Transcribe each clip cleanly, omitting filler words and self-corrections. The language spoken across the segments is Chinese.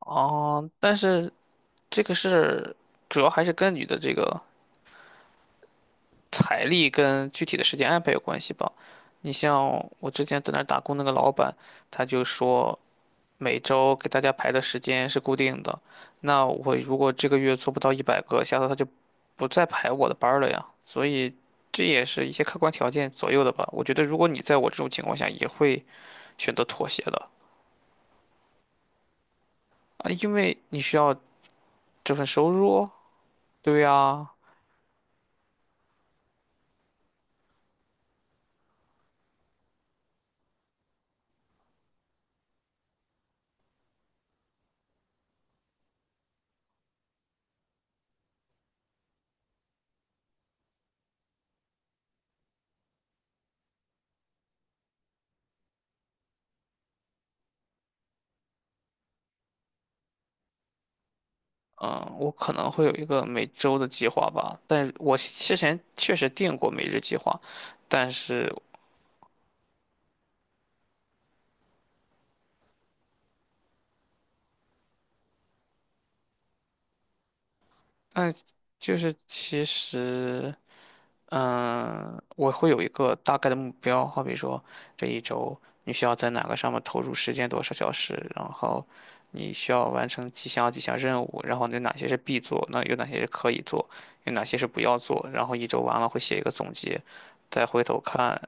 哦，但是这个是主要还是跟你的这个财力跟具体的时间安排有关系吧。你像我之前在那儿打工那个老板，他就说每周给大家排的时间是固定的，那我如果这个月做不到100个，下次他就不再排我的班儿了呀。所以这也是一些客观条件左右的吧。我觉得如果你在我这种情况下，也会选择妥协的啊，因为你需要这份收入。对呀。嗯，我可能会有一个每周的计划吧，但是我之前确实定过每日计划，但是，嗯，就是其实，我会有一个大概的目标，好比说这一周你需要在哪个上面投入时间多少小时，然后你需要完成几项任务，然后有哪些是必做，那有哪些是可以做，有哪些是不要做，然后一周完了会写一个总结，再回头看。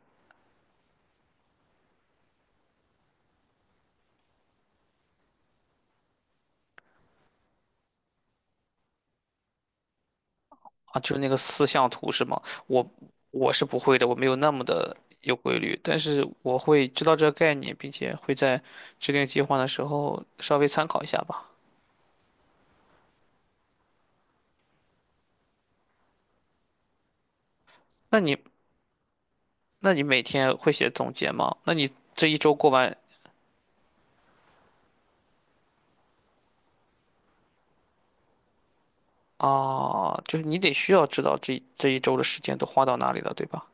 啊，就是那个四象图是吗？我我是不会的，我没有那么的有规律，但是我会知道这个概念，并且会在制定计划的时候稍微参考一下吧。那你那你每天会写总结吗？那你这一周过完啊，就是你得需要知道这一周的时间都花到哪里了，对吧？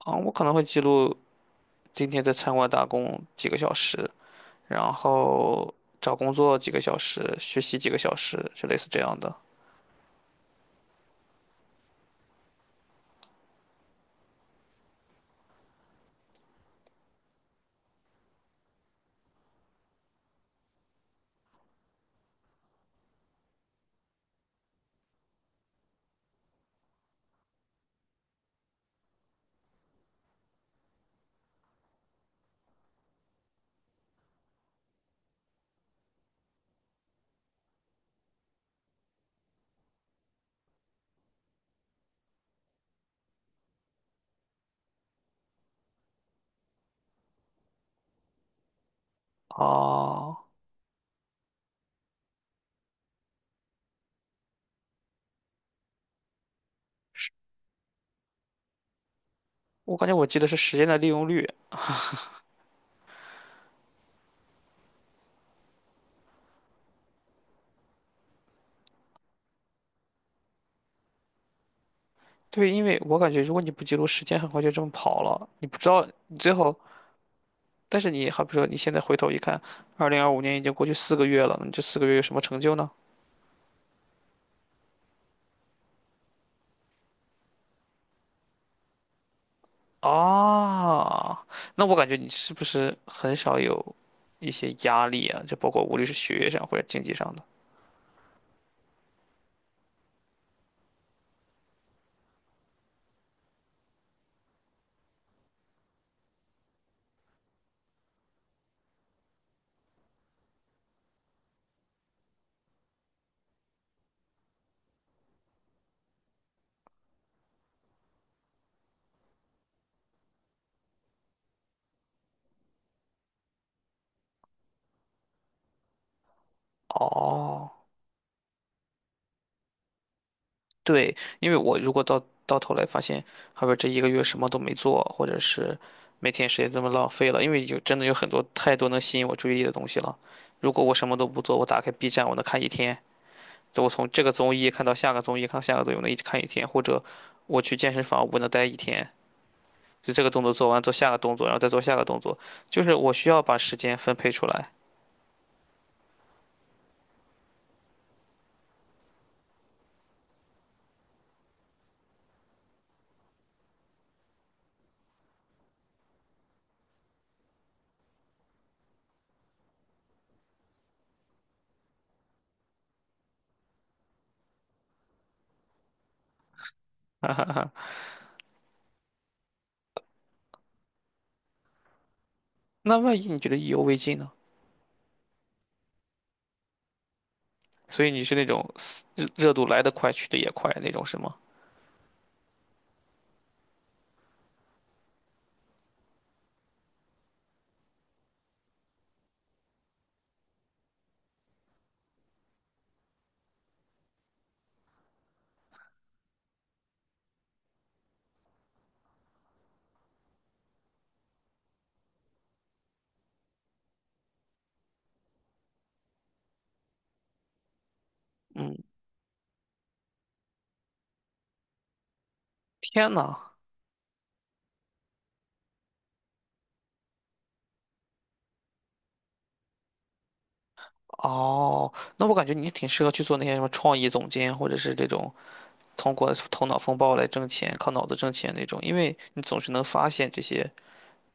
啊，我可能会记录今天在餐馆打工几个小时，然后找工作几个小时，学习几个小时，就类似这样的。啊。我感觉我记得是时间的利用率。对，因为我感觉如果你不记录时间，很快就这么跑了。你不知道你最后，但是你好比说你现在回头一看，2025年已经过去四个月了，那你这四个月有什么成就呢？啊，那我感觉你是不是很少有一些压力啊？就包括无论是学业上或者经济上的。哦，对，因为我如果到头来发现，后边这一个月什么都没做，或者是每天时间这么浪费了，因为真的有很多太多能吸引我注意力的东西了。如果我什么都不做，我打开 B 站，我能看一天，就我从这个综艺看到下个综艺，看到下个综艺，我能一直看一天，或者我去健身房，我能待一天，就这个动作做完，做下个动作，然后再做下个动作，就是我需要把时间分配出来。哈哈哈，那万一你觉得意犹未尽呢？所以你是那种热度来得快，去得也快那种，是吗？天呐，哦，那我感觉你挺适合去做那些什么创意总监，或者是这种通过头脑风暴来挣钱、靠脑子挣钱那种，因为你总是能发现这些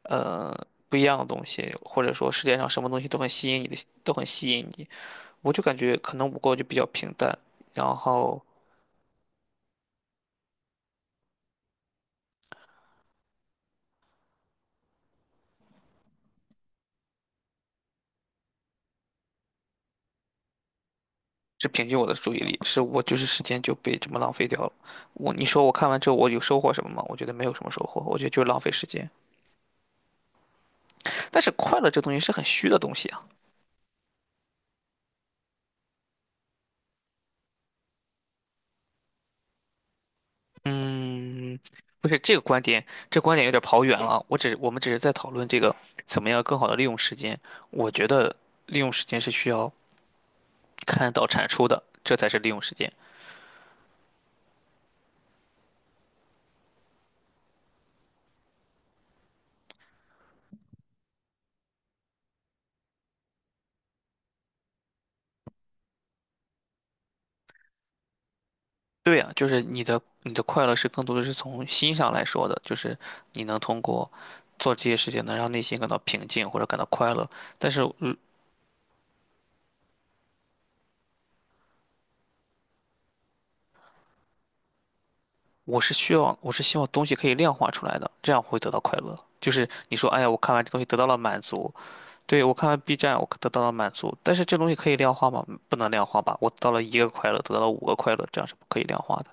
呃不一样的东西，或者说世界上什么东西都很吸引你的，都很吸引你。我就感觉可能我过就比较平淡，然后是平均我的注意力，是我就是时间就被这么浪费掉了。你说我看完之后我有收获什么吗？我觉得没有什么收获，我觉得就是浪费时间。但是快乐这东西是很虚的东西啊。嗯，不是这个观点，这观点有点跑远了。我们只是在讨论这个怎么样更好的利用时间。我觉得利用时间是需要看到产出的，这才是利用时间。对呀，就是你的快乐是更多的是从心上来说的，就是你能通过做这些事情能让内心感到平静或者感到快乐。但是，我是希望东西可以量化出来的，这样会得到快乐。就是你说，哎呀，我看完这东西得到了满足，对，我看完 B 站，我得到了满足，但是这东西可以量化吗？不能量化吧？我得到了一个快乐，得到了五个快乐，这样是不可以量化的。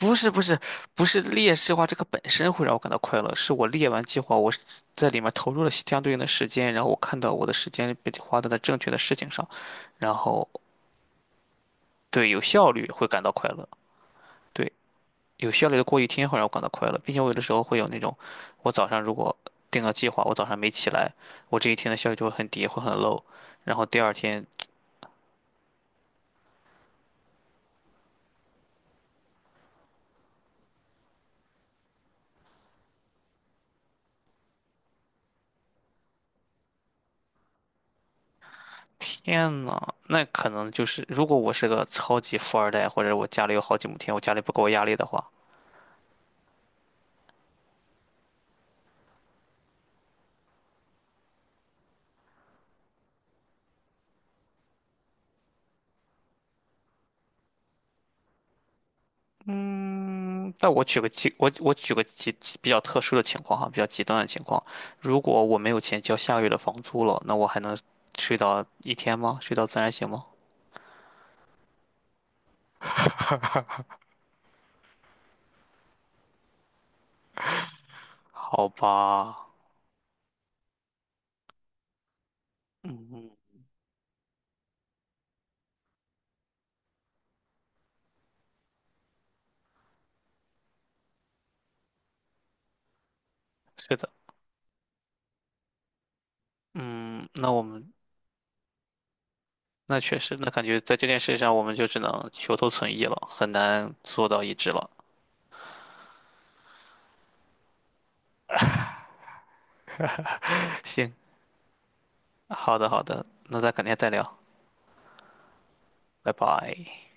不是不是不是，列式化这个本身会让我感到快乐，是我列完计划，我是在里面投入了相对应的时间，然后我看到我的时间被花在了正确的事情上，然后对有效率会感到快乐，对，有效率的过一天会让我感到快乐，并且我有的时候会有那种，我早上如果定了计划，我早上没起来，我这一天的效率就会很低，会很 low，然后第二天。天呐，那可能就是，如果我是个超级富二代，或者我家里有好几亩田，我家里不给我压力的话，嗯，那我举个极，我举个极比较特殊的情况哈，比较极端的情况，如果我没有钱交下个月的房租了，那我还能睡到一天吗？睡到自然醒吗？好吧，嗯，是的，嗯，那我们那确实，那感觉在这件事上，我们就只能求同存异了，很难做到一致了。行，好的好的，那咱改天再聊，拜拜。